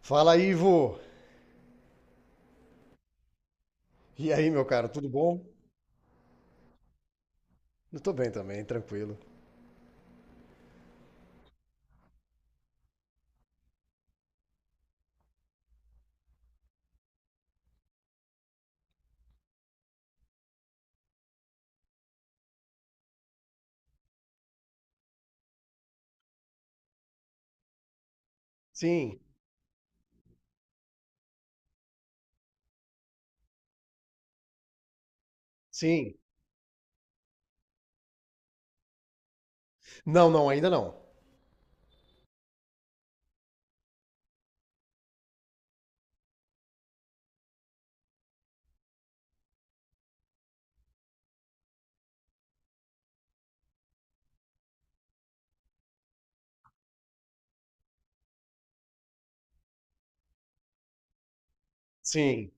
Fala, Ivo! E aí, meu cara, tudo bom? Eu tô bem também, tranquilo. Sim, sim. Não, não, ainda não. Sim,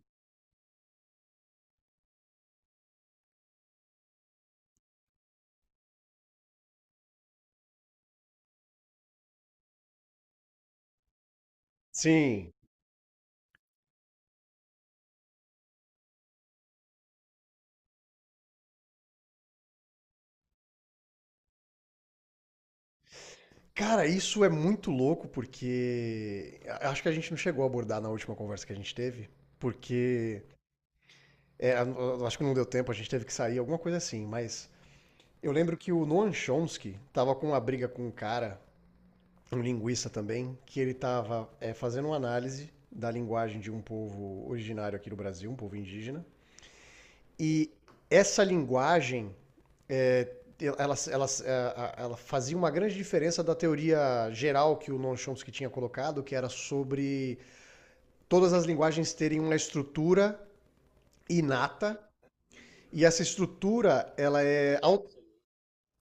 sim. Cara, isso é muito louco porque acho que a gente não chegou a abordar na última conversa que a gente teve, porque acho que não deu tempo, a gente teve que sair, alguma coisa assim, mas eu lembro que o Noam Chomsky tava com uma briga com um cara, um linguista também, que ele tava fazendo uma análise da linguagem de um povo originário aqui do Brasil, um povo indígena. E essa linguagem, ela, ela, ela fazia uma grande diferença da teoria geral que o Noam Chomsky tinha colocado, que era sobre todas as linguagens terem uma estrutura inata, e essa estrutura, ela é...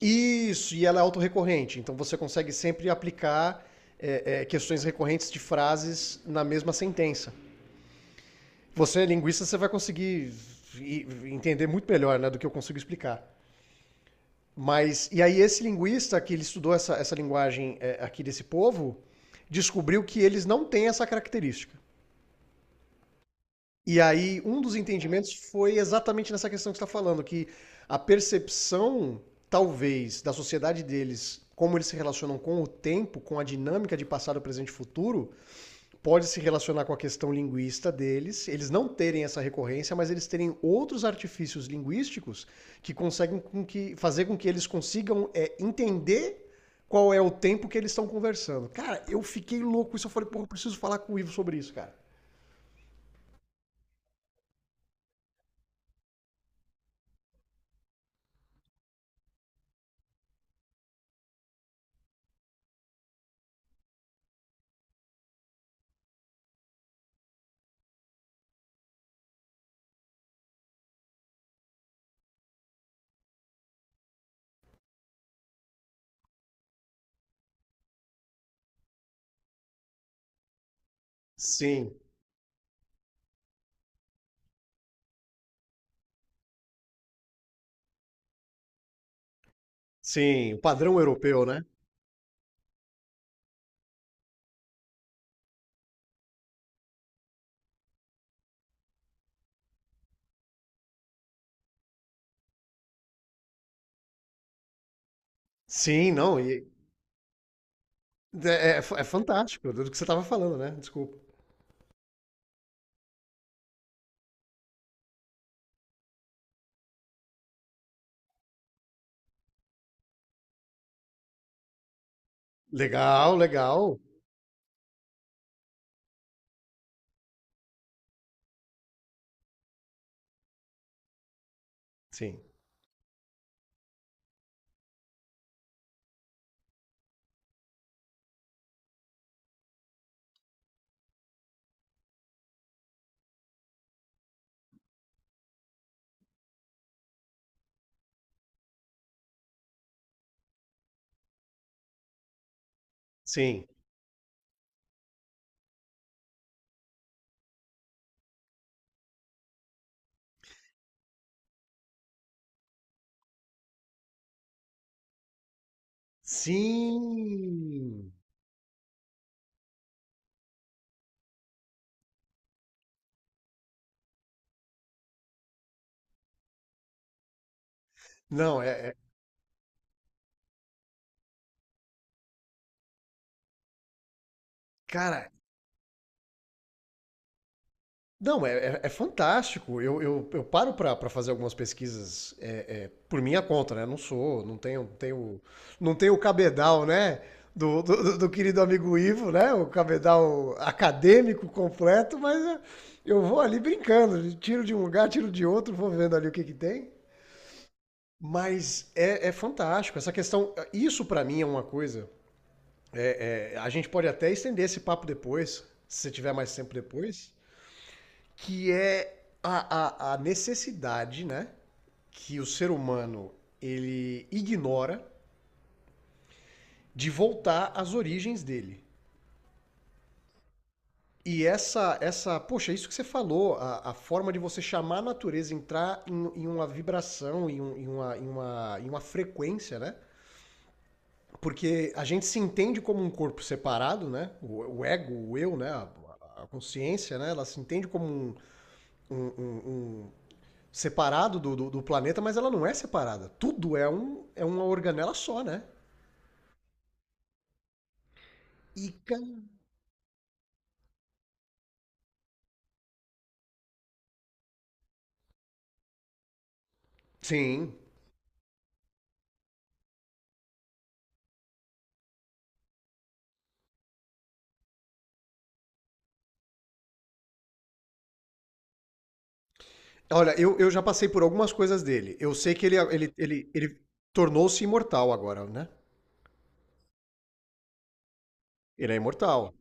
Isso, e ela é autorrecorrente, então você consegue sempre aplicar questões recorrentes de frases na mesma sentença. Você é linguista, você vai conseguir entender muito melhor, né, do que eu consigo explicar. Mas, e aí esse linguista que ele estudou essa linguagem aqui desse povo, descobriu que eles não têm essa característica. E aí um dos entendimentos foi exatamente nessa questão que você está falando, que a percepção, talvez, da sociedade deles, como eles se relacionam com o tempo, com a dinâmica de passado, presente e futuro, pode se relacionar com a questão linguista deles, eles não terem essa recorrência, mas eles terem outros artifícios linguísticos que conseguem com que, fazer com que eles consigam entender qual é o tempo que eles estão conversando. Cara, eu fiquei louco com isso. Eu falei, porra, eu preciso falar com o Ivo sobre isso, cara. Sim, sim. O padrão europeu, né? Sim, não. É fantástico do que você estava falando, né? Desculpa. Legal, legal. Sim, sim. Sim. Não, é, é- Cara, não, é fantástico. Eu paro para fazer algumas pesquisas por minha conta, né? Não sou, não tenho o cabedal, né? Do querido amigo Ivo, né? O cabedal acadêmico completo, mas é, eu vou ali brincando, tiro de um lugar, tiro de outro, vou vendo ali o que que tem. Mas é, é fantástico. Essa questão, isso para mim é uma coisa. É, a gente pode até estender esse papo depois, se você tiver mais tempo depois. Que é a necessidade, né, que o ser humano ele ignora de voltar às origens dele. E poxa, isso que você falou, a forma de você chamar a natureza, entrar em, em uma vibração, em uma frequência, né? Porque a gente se entende como um corpo separado, né? O ego, o eu, né? Consciência, né? Ela se entende como um, um, um separado do planeta, mas ela não é separada. Tudo é, um, é uma organela só, né? Ica. Sim. Olha, eu já passei por algumas coisas dele. Eu sei que ele tornou-se imortal agora, né? Ele é imortal.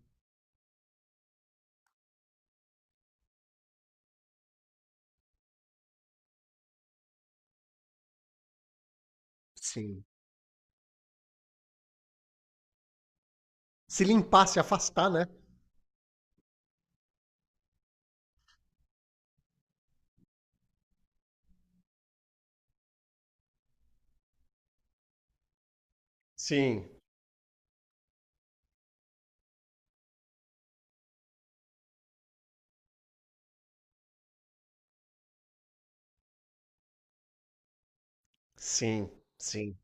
Sim. Se limpar, se afastar, né? Sim, sim, sim.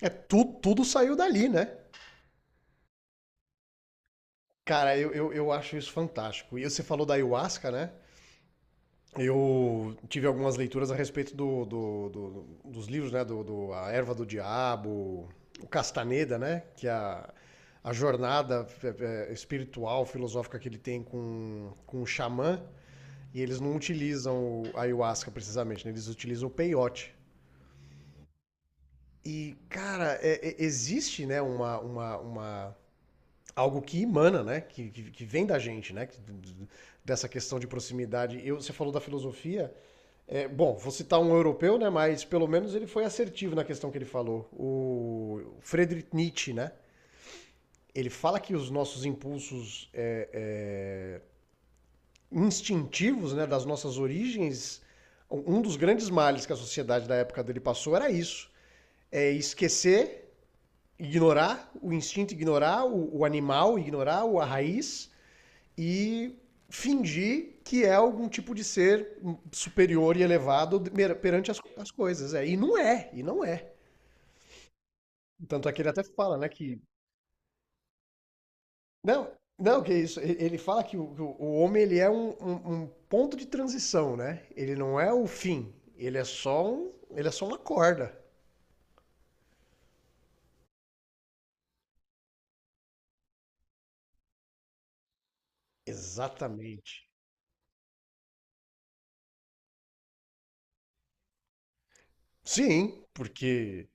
É, tu, tudo saiu dali, né? Cara, eu acho isso fantástico. E você falou da ayahuasca, né? Eu tive algumas leituras a respeito dos livros, né? A Erva do Diabo, o Castaneda, né? Que é a jornada espiritual, filosófica que ele tem com o xamã. E eles não utilizam o ayahuasca precisamente, né? Eles utilizam o peiote. E, cara, existe, né, uma algo que emana, né, que vem da gente, né, que dessa questão de proximidade. Eu, você falou da filosofia. É, bom, vou citar um europeu, né? Mas pelo menos ele foi assertivo na questão que ele falou. O Friedrich Nietzsche, né? Ele fala que os nossos impulsos instintivos, né, das nossas origens, um dos grandes males que a sociedade da época dele passou era isso: é esquecer, ignorar o instinto, ignorar o animal, ignorar a raiz e fingir que é algum tipo de ser superior e elevado perante as coisas. É. E não é, e não é. Tanto é que ele até fala, né, que... Não, não, que é isso. Ele fala que que o homem ele é um ponto de transição, né? Ele não é o fim. Ele é só uma corda. Exatamente. Sim, porque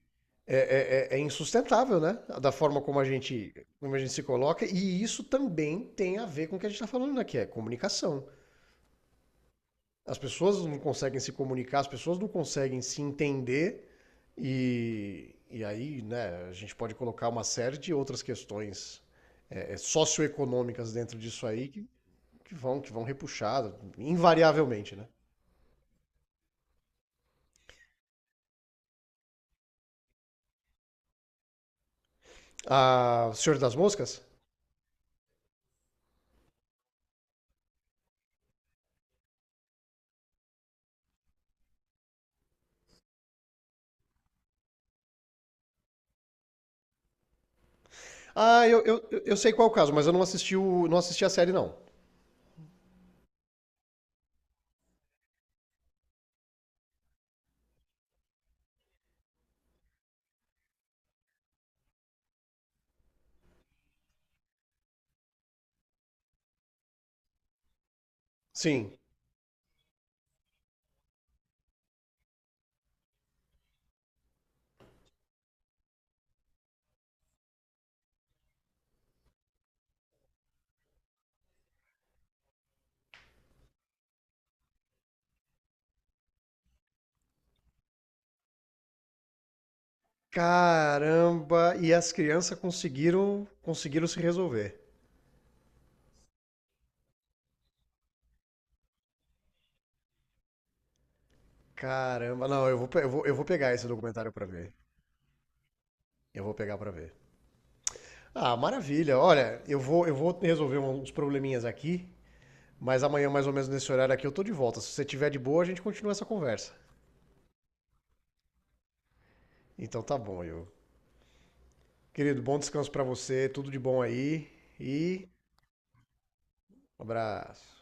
é insustentável, né? Da forma como a gente se coloca, e isso também tem a ver com o que a gente está falando, né? Que é comunicação. As pessoas não conseguem se comunicar, as pessoas não conseguem se entender, e aí, né, a gente pode colocar uma série de outras questões socioeconômicas dentro disso aí que vão repuxar, invariavelmente, né? Ah, Senhor das Moscas? Ah, eu sei qual é o caso, mas eu não assisti não assisti a série, não. Sim. Caramba! E as crianças conseguiram, conseguiram se resolver. Caramba! Não, eu vou pegar esse documentário pra ver. Eu vou pegar pra ver. Ah, maravilha! Olha, eu vou resolver um, uns probleminhas aqui, mas amanhã, mais ou menos nesse horário aqui, eu tô de volta. Se você tiver de boa, a gente continua essa conversa. Então tá bom, eu. Querido, bom descanso pra você, tudo de bom aí e um abraço.